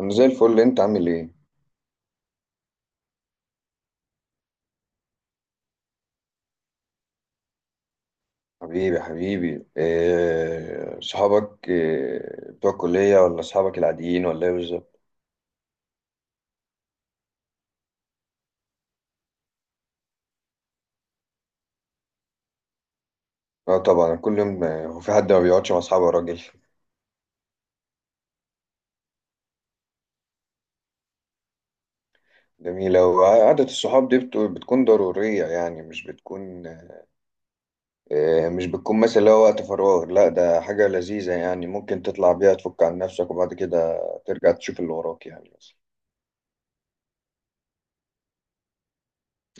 انا زي الفل. انت عامل ايه؟ حبيبي حبيبي، إيه صحابك، إيه بتوع الكلية ولا صحابك العاديين ولا ايه بالظبط؟ اه طبعا كل يوم. هو في حد ما بيقعدش مع اصحابه يا راجل؟ جميلة. وقعدة الصحاب دي بتكون ضرورية، يعني مش بتكون إيه، مش بتكون مثلا اللي هو وقت فراغ. لا، ده حاجة لذيذة يعني ممكن تطلع بيها تفك عن نفسك، وبعد كده ترجع تشوف اللي وراك يعني.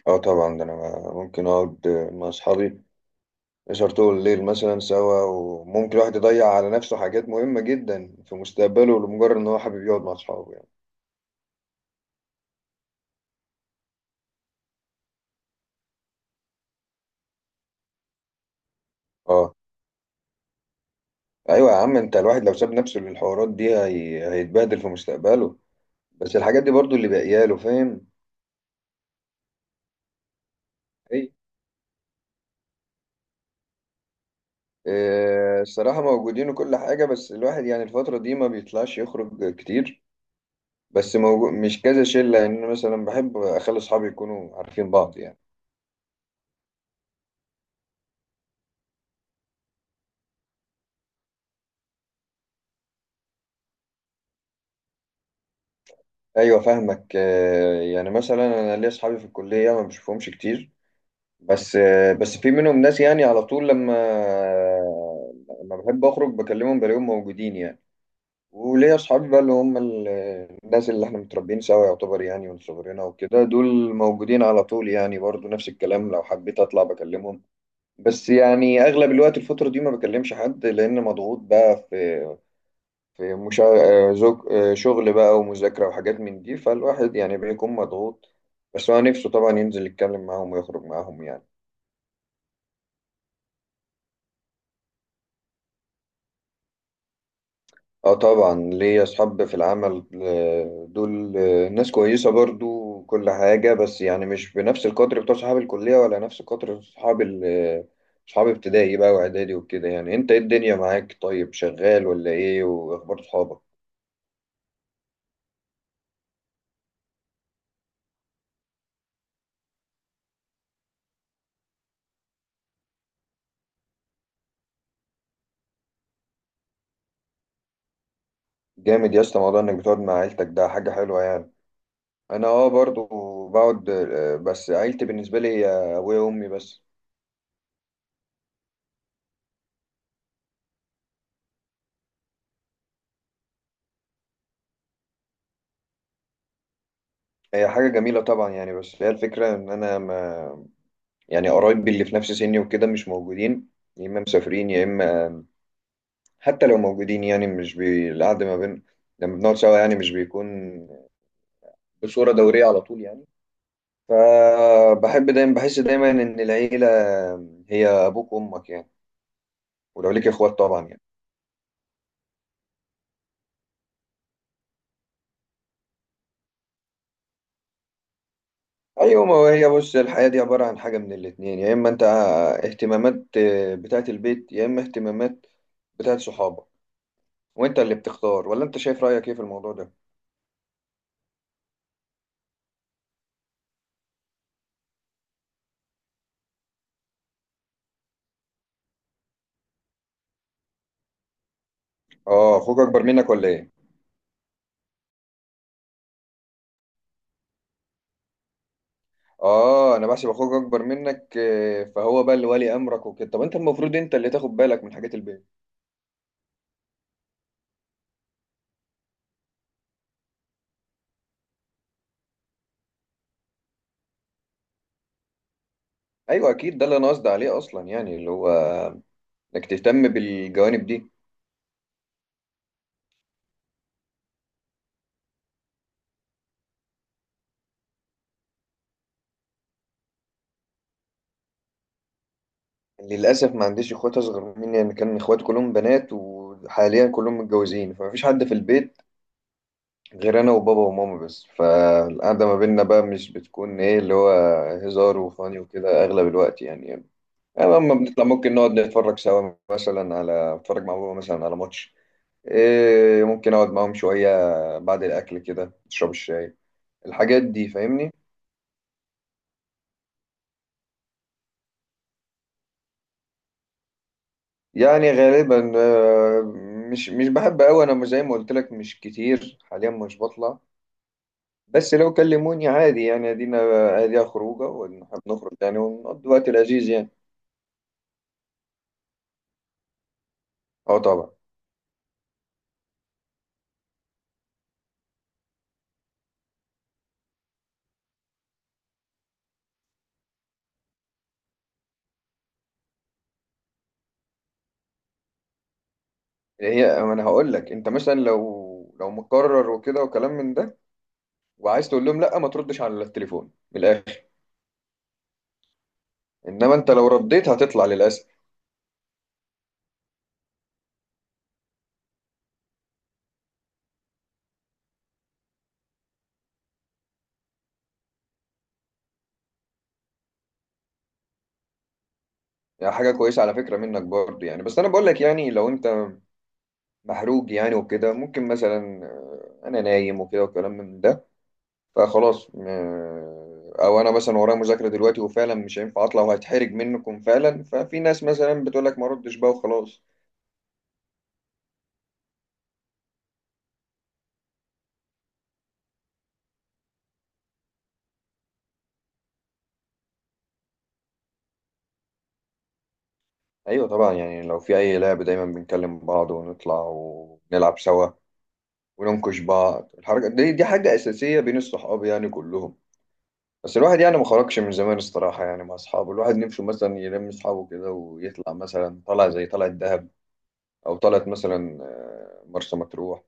اه طبعا، ده انا ممكن اقعد مع اصحابي سهر طول الليل مثلا سوا، وممكن الواحد يضيع على نفسه حاجات مهمة جدا في مستقبله لمجرد ان هو حابب يقعد مع اصحابه يعني. اه. ايوه يا عم، انت الواحد لو ساب نفسه للحوارات دي هيتبهدل في مستقبله. بس الحاجات دي برضو اللي باقيه له، فاهم. اي. الصراحة موجودين وكل حاجة، بس الواحد يعني الفترة دي ما بيطلعش يخرج كتير. بس موجود، مش كذا شلة يعني، أنا مثلا بحب أخلي أصحابي يكونوا عارفين بعض يعني. أيوة فاهمك. يعني مثلا أنا ليا أصحابي في الكلية ما بشوفهمش كتير. بس بس في منهم ناس يعني على طول لما بحب اخرج بكلمهم بلاقيهم موجودين يعني. وليا اصحابي بقى اللي هم الناس اللي احنا متربيين سوا يعتبر، يعني من صغرنا وكده، دول موجودين على طول يعني، برضو نفس الكلام لو حبيت اطلع بكلمهم. بس يعني اغلب الوقت الفترة دي ما بكلمش حد لان مضغوط بقى في في مشا... آه، زوج... آه، شغل بقى ومذاكرة وحاجات من دي، فالواحد يعني بيكون مضغوط. بس هو نفسه طبعا ينزل يتكلم معاهم ويخرج معاهم يعني. اه طبعا ليا اصحاب في العمل. دول ناس كويسه برضو كل حاجه. بس يعني مش بنفس القدر بتوع صحاب الكليه، ولا نفس قدر صحاب صحاب ابتدائي بقى واعدادي وكده يعني. انت ايه الدنيا معاك؟ طيب، شغال ولا ايه؟ واخبار صحابك؟ جامد يا اسطى، موضوع انك بتقعد مع عيلتك ده حاجه حلوه يعني. انا اه برضو بقعد. بس عيلتي بالنسبه لي هي ابويا وامي بس. هي حاجه جميله طبعا يعني، بس هي الفكره ان انا ما يعني قرايبي اللي في نفس سني وكده مش موجودين. يا إما مسافرين، يا إما حتى لو موجودين يعني مش القعدة ما بين لما بنقعد سوا يعني مش بيكون بصورة دورية على طول يعني. فبحب دايما، بحس دايما إن العيلة هي أبوك وأمك يعني، ولو ليك إخوات طبعا يعني. أيوة، ما هو هي بص، الحياة دي عبارة عن حاجة من الاتنين، يا إما أنت اهتمامات بتاعة البيت، يا إما اهتمامات بتاعة صحابك. وأنت اللي بتختار، ولا أنت شايف رأيك إيه في الموضوع ده؟ آه، أخوك أكبر منك ولا إيه؟ اه، انا بحسب اخوك اكبر منك فهو بقى اللي ولي امرك وكده. طب انت المفروض انت اللي تاخد بالك من حاجات البيت. ايوه اكيد، ده اللي انا قصدي عليه اصلا، يعني اللي هو انك تهتم بالجوانب دي. للاسف ما عنديش اخوات اصغر مني يعني. كان اخواتي كلهم بنات، وحاليا كلهم متجوزين، فمفيش حد في البيت غير انا وبابا وماما بس. فالقعده ما بيننا بقى مش بتكون ايه اللي هو هزار وفاني وكده اغلب الوقت يعني. لما بنطلع ممكن نقعد نتفرج سوا مثلا، على نتفرج مع بابا مثلا على ماتش، إيه، ممكن اقعد معاهم شوية بعد الاكل كده، اشرب الشاي، الحاجات دي فاهمني. يعني غالبا مش بحب قوي، انا زي ما قلت لك مش كتير حاليا مش بطلع. بس لو كلموني عادي يعني ادينا اديها خروجه، ونحب نخرج يعني ونقضي وقت لذيذ يعني. اه طبعا. هي ما انا هقول لك، انت مثلا لو مقرر وكده وكلام من ده، وعايز تقول لهم لا، ما تردش على التليفون من الاخر. انما انت لو رديت هتطلع للاسف. يعني حاجة كويسة على فكرة منك برضه يعني، بس أنا بقول لك يعني لو أنت محروق يعني وكده، ممكن مثلا أنا نايم وكده وكلام من ده، فخلاص. أو أنا مثلا ورايا مذاكرة دلوقتي وفعلا مش هينفع أطلع، وهتحرج منكم فعلا. ففي ناس مثلا بتقول لك ما ردش بقى وخلاص. أيوة طبعا يعني لو في أي لعب دايما بنكلم بعض ونطلع ونلعب سوا وننكش بعض. الحركة دي، دي حاجة أساسية بين الصحاب يعني كلهم. بس الواحد يعني ما خرجش من زمان الصراحة يعني مع أصحابه. الواحد نمشي مثلا يلم أصحابه كده ويطلع مثلا، طلع زي طلعة دهب، أو طلعت مثلا مرسى مطروح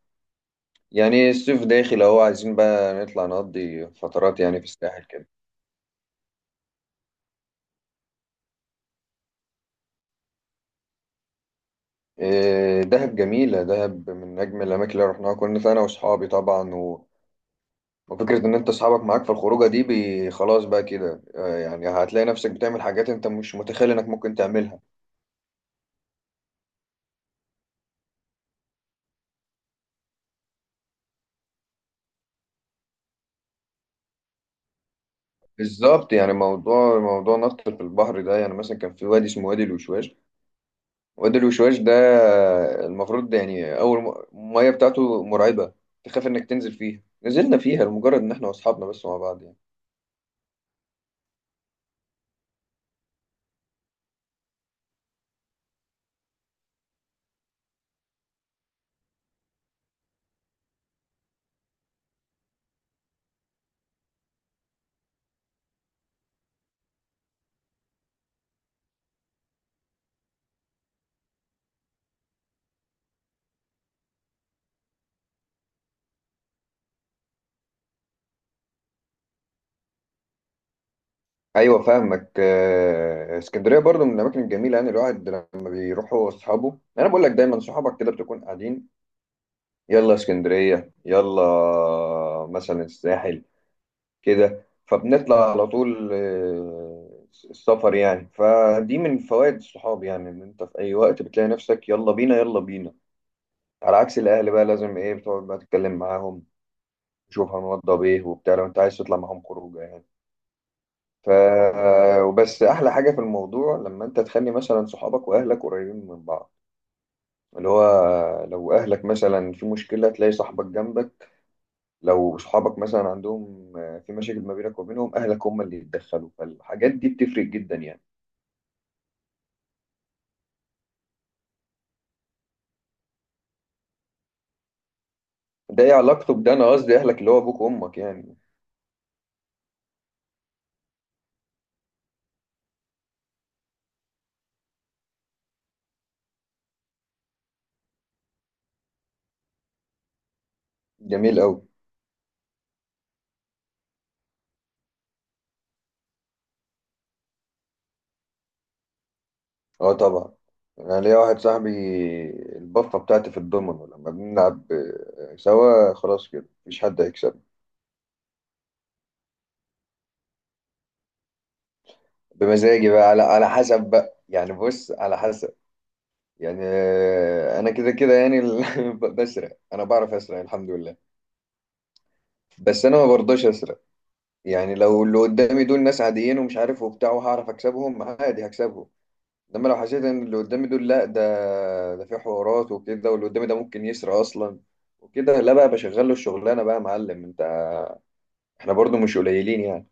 يعني. الصيف داخل أهو، عايزين بقى نطلع نقضي فترات يعني في الساحل كده. دهب جميلة، دهب من أجمل الأماكن اللي رحناها. كنا أنا وأصحابي طبعا وفكرة إن أنت أصحابك معاك في الخروجة دي خلاص بقى كده، يعني هتلاقي نفسك بتعمل حاجات أنت مش متخيل إنك ممكن تعملها. بالظبط، يعني موضوع نط في البحر ده، يعني مثلا كان في وادي اسمه وادي الوشواش. وادي الوشواش ده المفروض ده يعني الميه بتاعته مرعبه، تخاف انك تنزل فيها. نزلنا فيها لمجرد ان احنا واصحابنا بس مع بعض يعني. ايوه فاهمك. اسكندريه برضو من الاماكن الجميله يعني. الواحد لما بيروح هو واصحابه، انا بقول لك دايما صحابك كده بتكون قاعدين، يلا اسكندريه، يلا مثلا الساحل كده، فبنطلع على طول. السفر يعني فدي من فوائد الصحاب يعني، ان انت في اي وقت بتلاقي نفسك يلا بينا يلا بينا. على عكس الاهل بقى لازم ايه بتقعد بقى تتكلم معاهم، تشوف هنوضب ايه وبتاع لو انت عايز تطلع معاهم خروجه يعني. ف. وبس احلى حاجه في الموضوع لما انت تخلي مثلا صحابك واهلك قريبين من بعض، اللي هو لو اهلك مثلا في مشكله تلاقي صاحبك جنبك، لو صحابك مثلا عندهم في مشاكل ما بينك وبينهم، اهلك هم اللي يتدخلوا. فالحاجات دي بتفرق جدا يعني. ده ايه علاقته بده؟ انا قصدي اهلك اللي هو ابوك وامك يعني. جميل قوي. اه طبعا. انا ليا واحد صاحبي، البفه بتاعتي في الضمن، لما بنلعب سوا خلاص كده مفيش حد هيكسب. بمزاجي بقى على حسب بقى، يعني بص على حسب، يعني انا كده كده يعني بسرق، انا بعرف اسرق الحمد لله. بس انا ما برضاش اسرق. يعني لو اللي قدامي دول ناس عاديين ومش عارف وبتاع وهعرف اكسبهم عادي، هكسبهم. انما لو حسيت ان اللي قدامي دول لا، ده في حوارات وكده، واللي قدامي ده ممكن يسرق اصلا وكده، لا بقى بشغل له الشغلانه بقى يا معلم انت. احنا برضو مش قليلين يعني.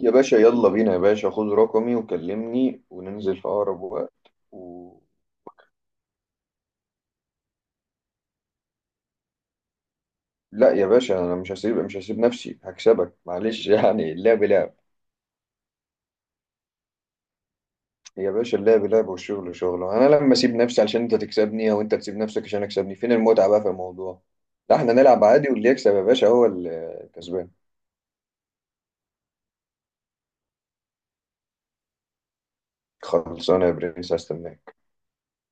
يا باشا يلا بينا، يا باشا خد رقمي وكلمني وننزل في اقرب وقت. و... لا يا باشا، انا مش هسيب نفسي، هكسبك معلش، يعني اللعب لعب. يا باشا اللعب لعب والشغل شغل. انا لما اسيب نفسي علشان انت تكسبني، او انت تسيب نفسك عشان اكسبني، فين المتعة بقى في الموضوع؟ لا احنا نلعب عادي واللي يكسب يا باشا هو الكسبان. خلصانه يا برنس، هستناك.